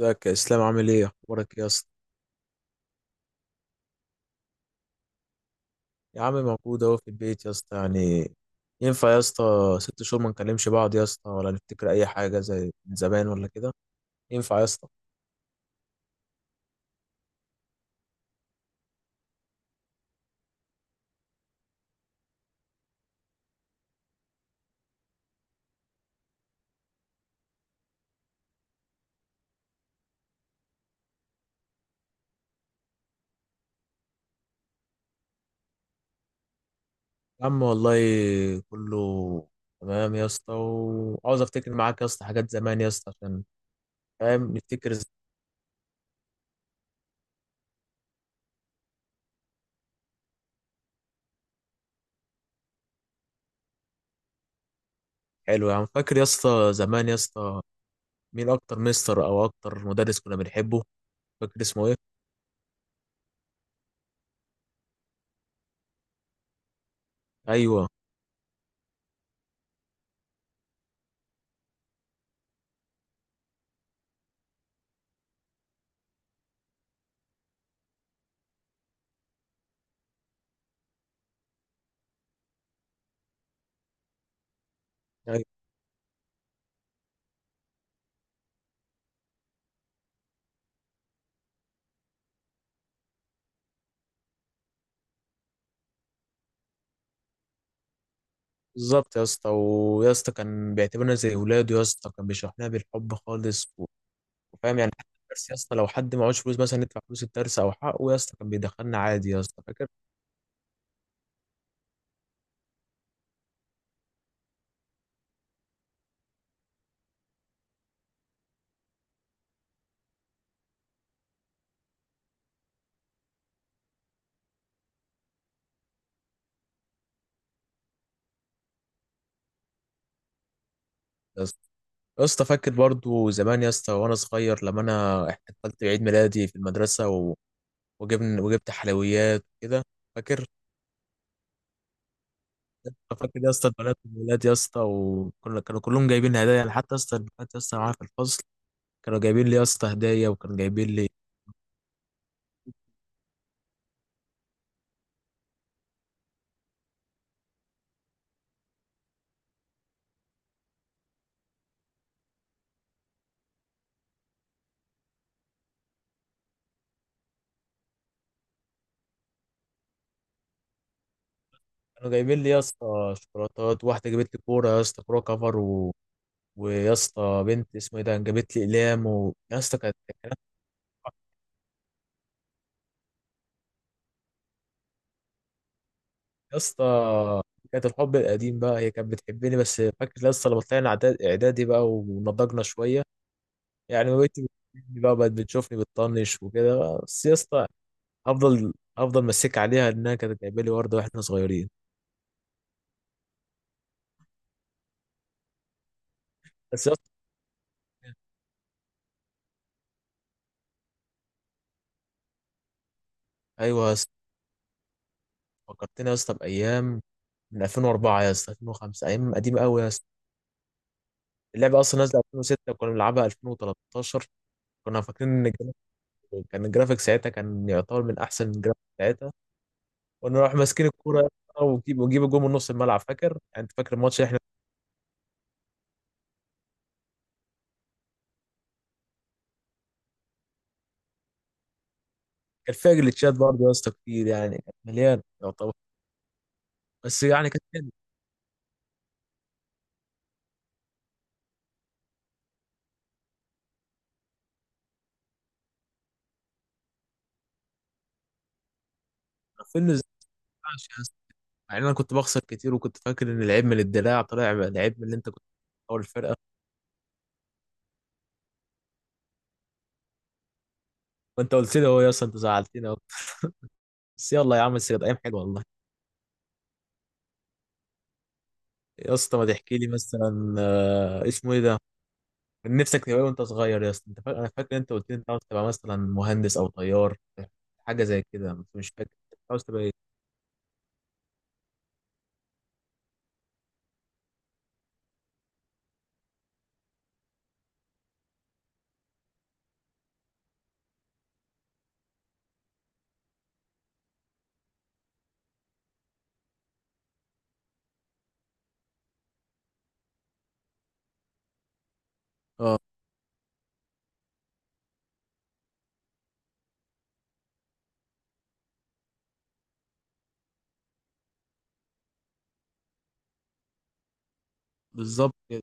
ازيك يا اسلام، عامل ايه، اخبارك ايه يا اسطى؟ يا عم موجود اهو في البيت يا اسطى يعني. ينفع يا اسطى؟ ست شهور ما نكلمش بعض يا اسطى، ولا نفتكر اي حاجه زي من زمان ولا كده؟ ينفع يا اسطى؟ يا عم والله كله تمام يا اسطى، وعاوز افتكر معاك يا اسطى حاجات زمان يا اسطى عشان فاهم نفتكر. حلو يا عم. فاكر يا اسطى زمان يا اسطى مين اكتر مستر او اكتر مدرس كنا بنحبه؟ فاكر اسمه ايه؟ ايوه. بالظبط يا اسطى، ويا اسطى كان بيعتبرنا زي اولاده يا اسطى، كان بيشرح لنا بالحب خالص وفاهم يعني حتى الدرس يا اسطى، لو حد معهوش فلوس مثلا ندفع فلوس الدرس او حقه يا اسطى كان بيدخلنا عادي يا اسطى. فاكر يا اسطى؟ يا اسطى فاكر برضو زمان يا اسطى وانا صغير لما انا احتفلت بعيد ميلادي في المدرسه وجبنا وجبت حلويات وكده. فاكر؟ فاكر يا اسطى البنات والولاد يا اسطى، وكنا كانوا كلهم جايبين هدايا، يعني حتى يا اسطى البنات يا اسطى معايا في الفصل كانوا جايبين لي يا اسطى هدايا، وكانوا جايبين لي. كانوا جايبين لي يا اسطى شوكولاتات، واحده جابت لي كوره يا اسطى، كوره كفر ويا اسطى بنت اسمه ايه ده جابت لي اقلام يا اسطى كانت- يا اسطى كانت الحب القديم بقى، هي كانت بتحبني. بس فاكر يا اسطى لما طلعنا اعدادي بقى ونضجنا شويه، يعني ما بقتش بتحبني بقى، بقت بتشوفني بتطنش وكده بقى. بس يا اسطى افضل افضل مسك عليها انها كانت جايبه لي ورده واحنا صغيرين. بس يا اسطى ايوه يا اسطى، فكرتني يا اسطى بايام من 2004 يا اسطى 2005، ايام قديمه قوي يا اسطى. اللعبه اصلا نازله 2006 كنا بنلعبها 2013. كنا فاكرين ان الجرافيك كان الجرافيك ساعتها كان يعتبر من احسن الجرافيك ساعتها. كنا نروح ماسكين الكوره وجيب الجول من نص الملعب، فاكر؟ يعني انت فاكر الماتش اللي احنا، كان فيها جليتشات برضه يا اسطى كتير، يعني كانت مليان يعتبر. بس يعني كانت حلوه. عارفين ازاي يا اسطى، يعني انا كنت بخسر كتير وكنت فاكر ان العيب من الدلاع، طلع العيب من اللي انت كنت بتحاول الفرقه. وانت قلت لي، هو يا اسطى انت زعلتني أوي. بس يلا يا عم، بس كانت ايام حلوه والله. يا اسطى ما تحكي لي مثلا، اسمه ايه ده، من نفسك تبقى إيه وانت صغير يا اسطى؟ انت فاكر؟ انا فاكر انت قلت لي انت عاوز تبقى مثلا مهندس او طيار، حاجه زي كده، بس مش فاكر أنت عاوز تبقى ايه. اه. بالظبط كده.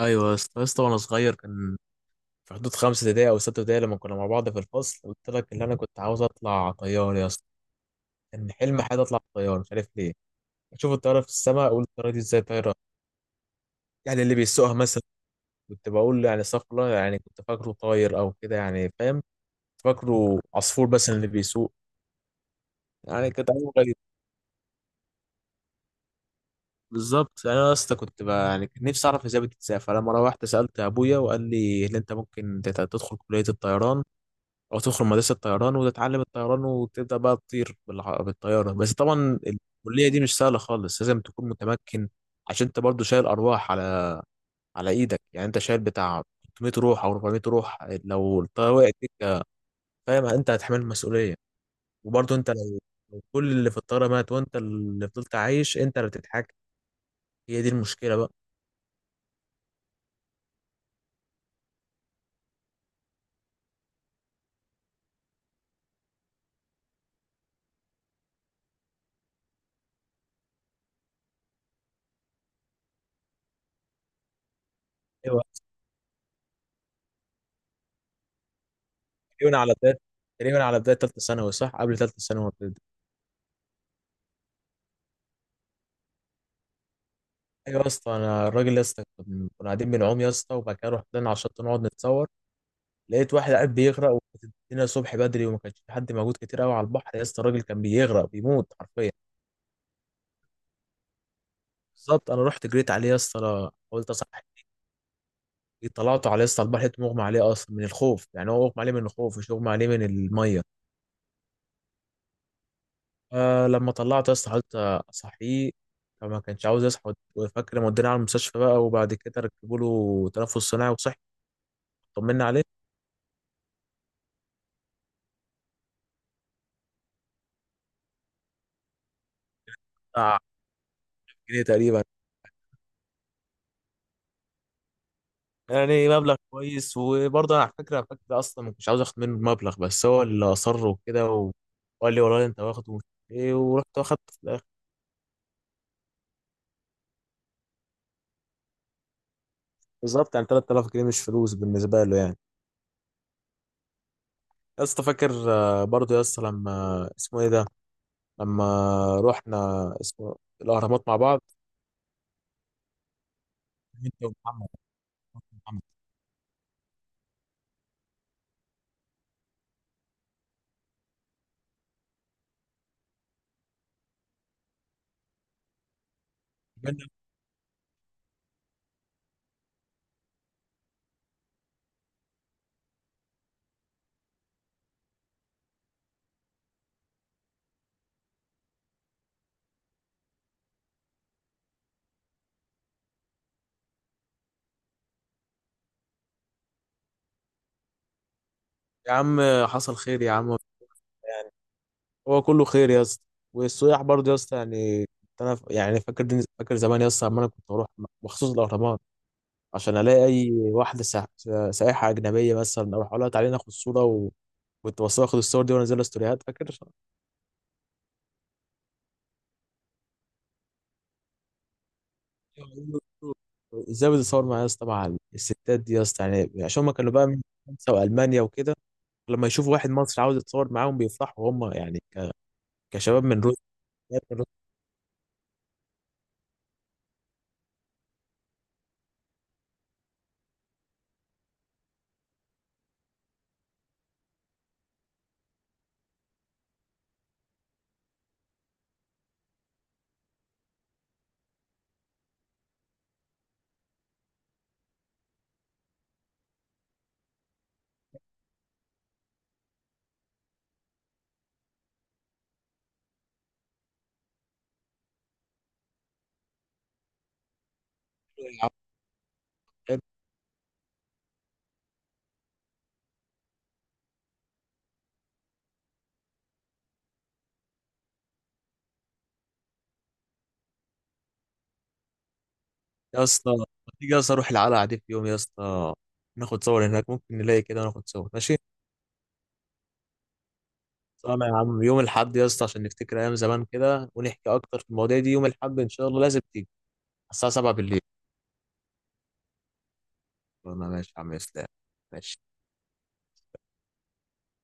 ايوه يا اسطى، يا اسطى وانا صغير كان في حدود خمسة ابتدائي او ستة ابتدائي، لما كنا مع بعض في الفصل قلت لك ان انا كنت عاوز اطلع طيار يا اسطى. كان حلم حياتي اطلع طيار، مش عارف ليه. اشوف الطياره في السماء اقول الطياره دي ازاي طايره، يعني اللي بيسوقها مثلا. كنت بقول يعني استغفر الله، يعني كنت فاكره طاير او كده يعني، فاهم؟ كنت فاكره عصفور مثلا اللي بيسوق. يعني كانت بالظبط، يعني انا يا اسطى كنت بقى يعني كان نفسي اعرف ازاي بتتسافر. فلما روحت سالت ابويا وقال لي ان انت ممكن تدخل كليه الطيران او تدخل مدرسه الطيران وتتعلم الطيران وتبدا بقى تطير بالطياره. بس طبعا الكليه دي مش سهله خالص، لازم تكون متمكن، عشان انت برضو شايل ارواح على ايدك، يعني انت شايل بتاع 300 روح او 400 روح. لو الطياره وقعت بيك، فاهم، انت هتحمل المسؤوليه. وبرضو انت لو كل اللي في الطياره مات وانت اللي فضلت عايش، انت اللي بتتحكم. هي دي المشكله بقى. أيوة. تقريبا على بدايه تقريبا على بدايه ثالثه ثانوي، صح؟ قبل ثالثه ثانوي ما بتبدا. ايوه يا اسطى. انا الراجل يا اسطى، كنا قاعدين بنعوم يا اسطى وبعد كده رحنا لنا على الشط نقعد نتصور. لقيت واحد قاعد بيغرق، وكانت الدنيا الصبح بدري وما كانش في حد موجود كتير قوي على البحر يا اسطى. الراجل كان بيغرق بيموت حرفيا. بالظبط. انا رحت جريت عليه يا اسطى، قلت اصحى. طلعته على يا اسطى البحر، لقيته مغمى عليه اصلا من الخوف، يعني هو مغمى عليه من الخوف مش مغمى عليه من الميه. لما طلعت يا اسطى حاولت اصحيه، فما كانش عاوز يصحى. وفاكر لما ودينا على المستشفى بقى وبعد كده ركبوا له تنفس صناعي وصحي. طمنا عليه. بتاع جنيه تقريبا، يعني مبلغ كويس. وبرضه انا على فكره فاكر اصلا ما كنتش عاوز اخد منه المبلغ بس هو اللي اصر وكده وقال لي والله انت واخده ومش عارف ايه، ورحت واخدت في الاخر. بالظبط، يعني 3000 جنيه مش فلوس بالنسبه له يعني. يا اسطى فاكر، برضه يا اسطى لما اسمه ايه ده، لما رحنا اسمه الاهرامات مع بعض انت ومحمد. منك. يا عم حصل خير يا عم. يعني هو كله خير يا اسطى. والسياح برضه يا اسطى يعني، كنت انا يعني فاكر. فاكر زمان يا اسطى لما انا كنت اروح مخصوص الاهرامات عشان الاقي اي واحده سائحه اجنبيه مثلا، اروح اقول لها تعالي ناخد صوره كنت بصور اخد الصور دي وانزلها ستوريات، فاكر؟ ازاي بتصور معايا يا اسطى مع الستات دي يا اسطى؟ يعني عشان هم كانوا بقى من فرنسا والمانيا وكده، لما يشوفوا واحد مصري عاوز يتصور معاهم بيفرحوا هم يعني كشباب من روسيا يا اسطى. ما تيجي يا اسطى اروح القلعه دي في يوم يا اسطى، ناخد صور هناك، ممكن نلاقي كده وناخد صور، ماشي؟ طبعا يا عم. يوم الاحد يا اسطى عشان نفتكر ايام زمان كده ونحكي اكتر في المواضيع دي، يوم الاحد ان شاء الله لازم تيجي على الساعه 7 بالليل. قلنا ماشي يا عم اسلام. ماشي.